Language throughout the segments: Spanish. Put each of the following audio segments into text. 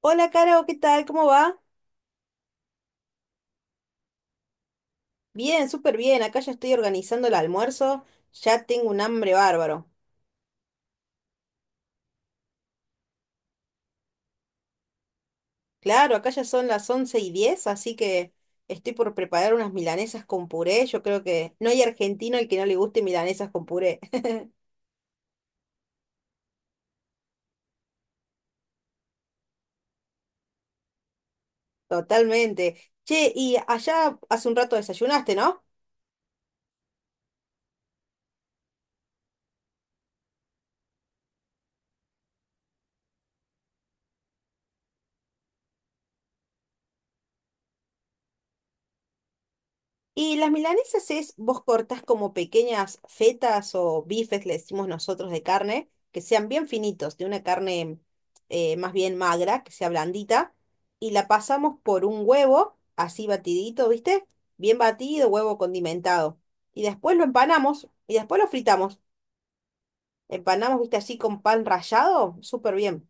Hola, Caro, ¿qué tal? ¿Cómo va? Bien, súper bien. Acá ya estoy organizando el almuerzo. Ya tengo un hambre bárbaro. Claro, acá ya son las 11:10, así que estoy por preparar unas milanesas con puré. Yo creo que no hay argentino al que no le guste milanesas con puré. Totalmente. Che, y allá hace un rato desayunaste, ¿no? Y las milanesas es, vos cortás como pequeñas fetas o bifes, le decimos nosotros, de carne, que sean bien finitos, de una carne más bien magra, que sea blandita, y la pasamos por un huevo, así batidito, ¿viste? Bien batido, huevo condimentado. Y después lo empanamos y después lo fritamos. Empanamos, ¿viste? Así con pan rallado, súper bien.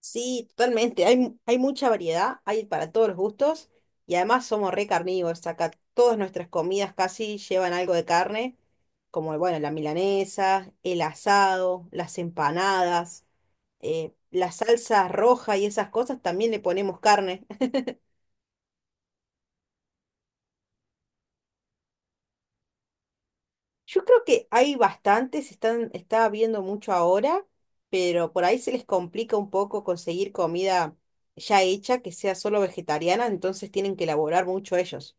Sí, totalmente. Hay mucha variedad, hay para todos los gustos y además somos re carnívoros. Acá todas nuestras comidas casi llevan algo de carne, como bueno, la milanesa, el asado, las empanadas, la salsa roja y esas cosas también le ponemos carne. Yo creo que hay bastantes, está viendo mucho ahora, pero por ahí se les complica un poco conseguir comida ya hecha que sea solo vegetariana, entonces tienen que elaborar mucho ellos.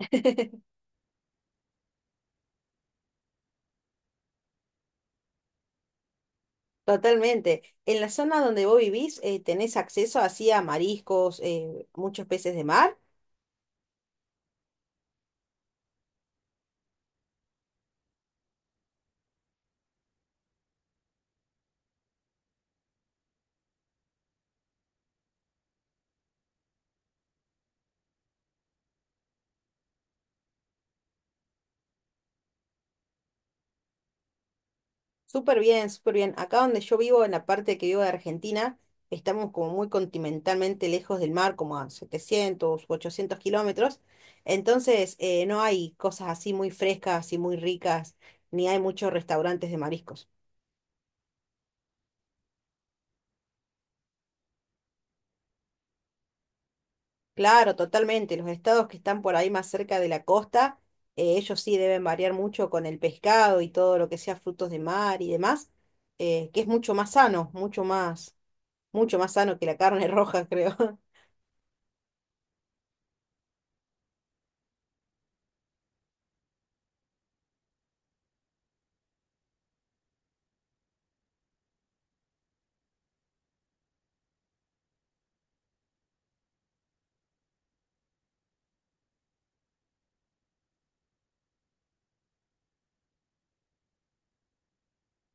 Totalmente. En la zona donde vos vivís, tenés acceso así a mariscos, muchos peces de mar. Súper bien, súper bien. Acá donde yo vivo, en la parte que vivo de Argentina, estamos como muy continentalmente lejos del mar, como a 700 u 800 kilómetros. Entonces, no hay cosas así muy frescas y muy ricas, ni hay muchos restaurantes de mariscos. Claro, totalmente. Los estados que están por ahí más cerca de la costa, ellos sí deben variar mucho con el pescado y todo lo que sea frutos de mar y demás, que es mucho más sano que la carne roja, creo.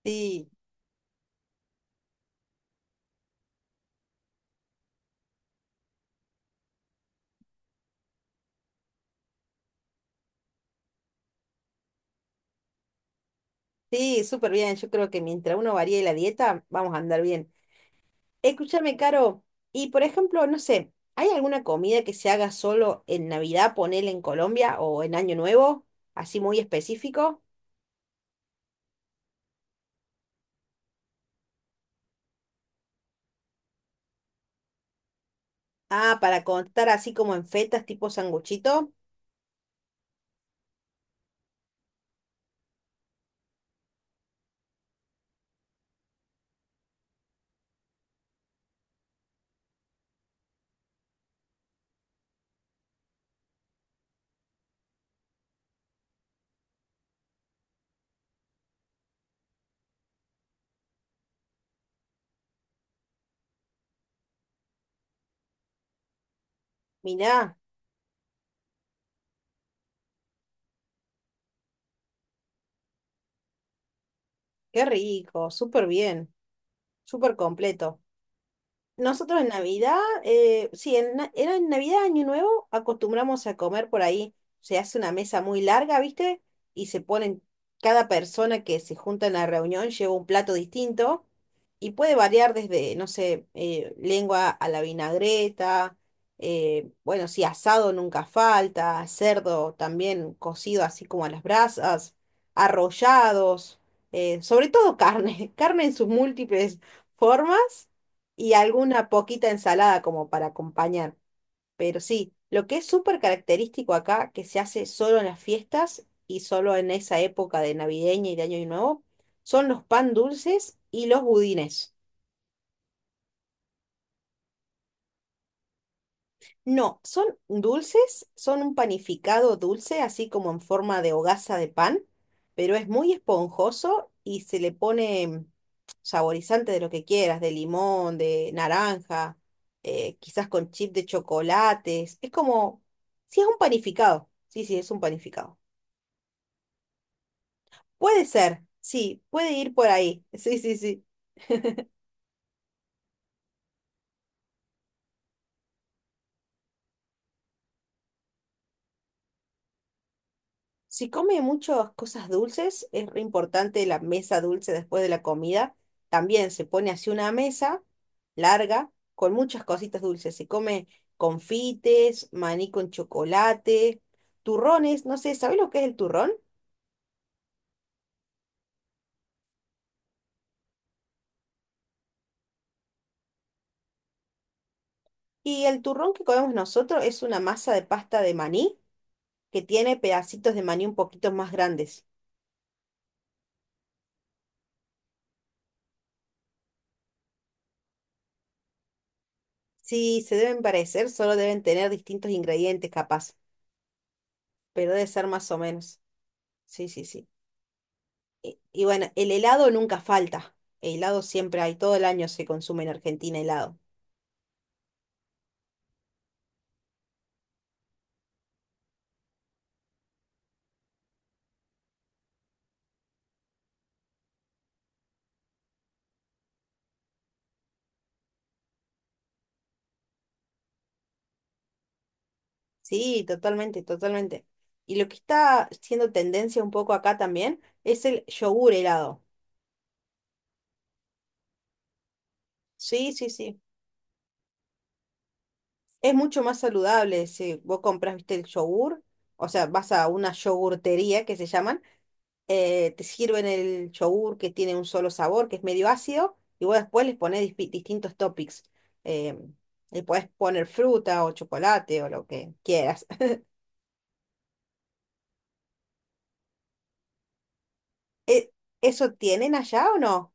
Sí, sí, súper bien. Yo creo que mientras uno varíe la dieta, vamos a andar bien. Escúchame, Caro, y por ejemplo, no sé, ¿hay alguna comida que se haga solo en Navidad, ponele en Colombia o en Año Nuevo, así muy específico? Ah, para contar así como en fetas tipo sanguchito. Mirá, qué rico, súper bien, súper completo. Nosotros en Navidad, era en Navidad, Año Nuevo, acostumbramos a comer por ahí. Se hace una mesa muy larga, ¿viste? Y se ponen, cada persona que se junta en la reunión lleva un plato distinto y puede variar desde, no sé, lengua a la vinagreta, bueno, sí, asado nunca falta, cerdo también cocido así como a las brasas, arrollados, sobre todo carne, carne en sus múltiples formas y alguna poquita ensalada como para acompañar. Pero sí, lo que es súper característico acá, que se hace solo en las fiestas y solo en esa época de navideña y de Año Nuevo, son los pan dulces y los budines. No, son dulces, son un panificado dulce, así como en forma de hogaza de pan, pero es muy esponjoso y se le pone saborizante de lo que quieras, de limón, de naranja, quizás con chip de chocolates. Es como, sí, es un panificado. Sí, sí, es un panificado. Puede ser, sí, puede ir por ahí. Sí, sí, sí. Si come muchas cosas dulces, es re importante la mesa dulce después de la comida. También se pone así una mesa larga con muchas cositas dulces. Se come confites, maní con chocolate, turrones, no sé, ¿sabés lo que es el turrón? Y el turrón que comemos nosotros es una masa de pasta de maní que tiene pedacitos de maní un poquito más grandes. Si se deben parecer, solo deben tener distintos ingredientes capaz, pero debe ser más o menos. Sí, sí, sí. Y bueno, el helado nunca falta. El helado siempre hay, todo el año se consume en Argentina helado. Sí, totalmente, totalmente. Y lo que está siendo tendencia un poco acá también es el yogur helado. Sí, sí, sí. Es mucho más saludable si vos compras, viste, el yogur, o sea, vas a una yogurtería que se llaman, te sirven el yogur que tiene un solo sabor, que es medio ácido, y vos después les pones distintos toppings. Eh, le podés poner fruta o chocolate o lo que quieras. e- ¿Eso tienen allá o no?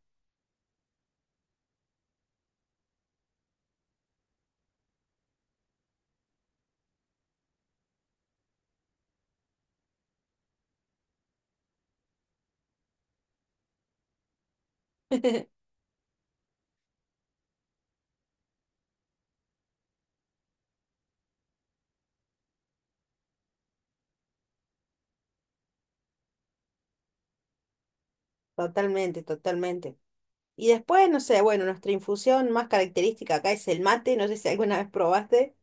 Totalmente, totalmente. Y después, no sé, bueno, nuestra infusión más característica acá es el mate, no sé si alguna vez probaste.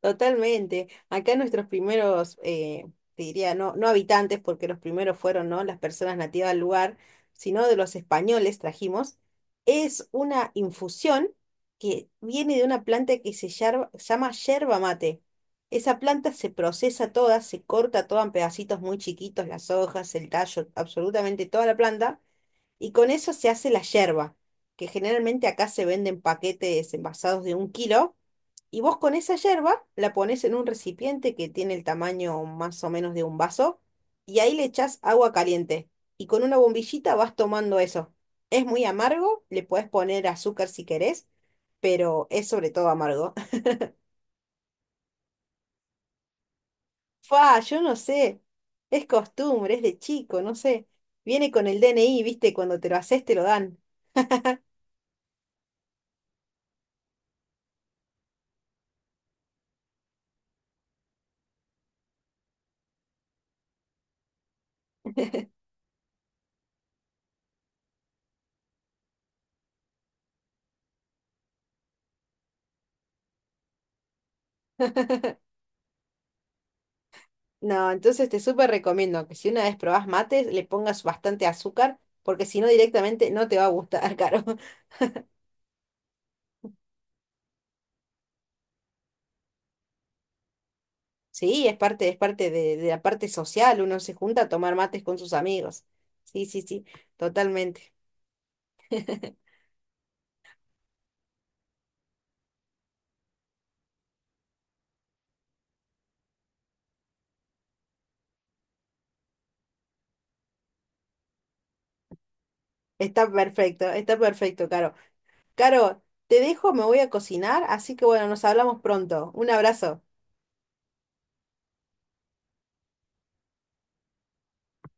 Totalmente. Acá nuestros primeros, te diría, no, no habitantes, porque los primeros fueron, ¿no? Las personas nativas del lugar, sino de los españoles trajimos, es una infusión que viene de una planta que se llama yerba mate. Esa planta se procesa toda, se corta toda en pedacitos muy chiquitos, las hojas, el tallo, absolutamente toda la planta. Y con eso se hace la yerba, que generalmente acá se venden paquetes envasados de un kilo. Y vos con esa yerba la pones en un recipiente que tiene el tamaño más o menos de un vaso y ahí le echás agua caliente. Y con una bombillita vas tomando eso. Es muy amargo, le puedes poner azúcar si querés, pero es sobre todo amargo. Fa, yo no sé. Es costumbre, es de chico, no sé. Viene con el DNI, ¿viste? Cuando te lo haces te lo dan. No, entonces te súper recomiendo que si una vez probás mates, le pongas bastante azúcar, porque si no directamente no te va a gustar, Caro. Sí, es parte de la parte social, uno se junta a tomar mates con sus amigos. Sí, sí, sí, totalmente. Está perfecto, Caro. Caro, te dejo, me voy a cocinar, así que bueno, nos hablamos pronto. Un abrazo.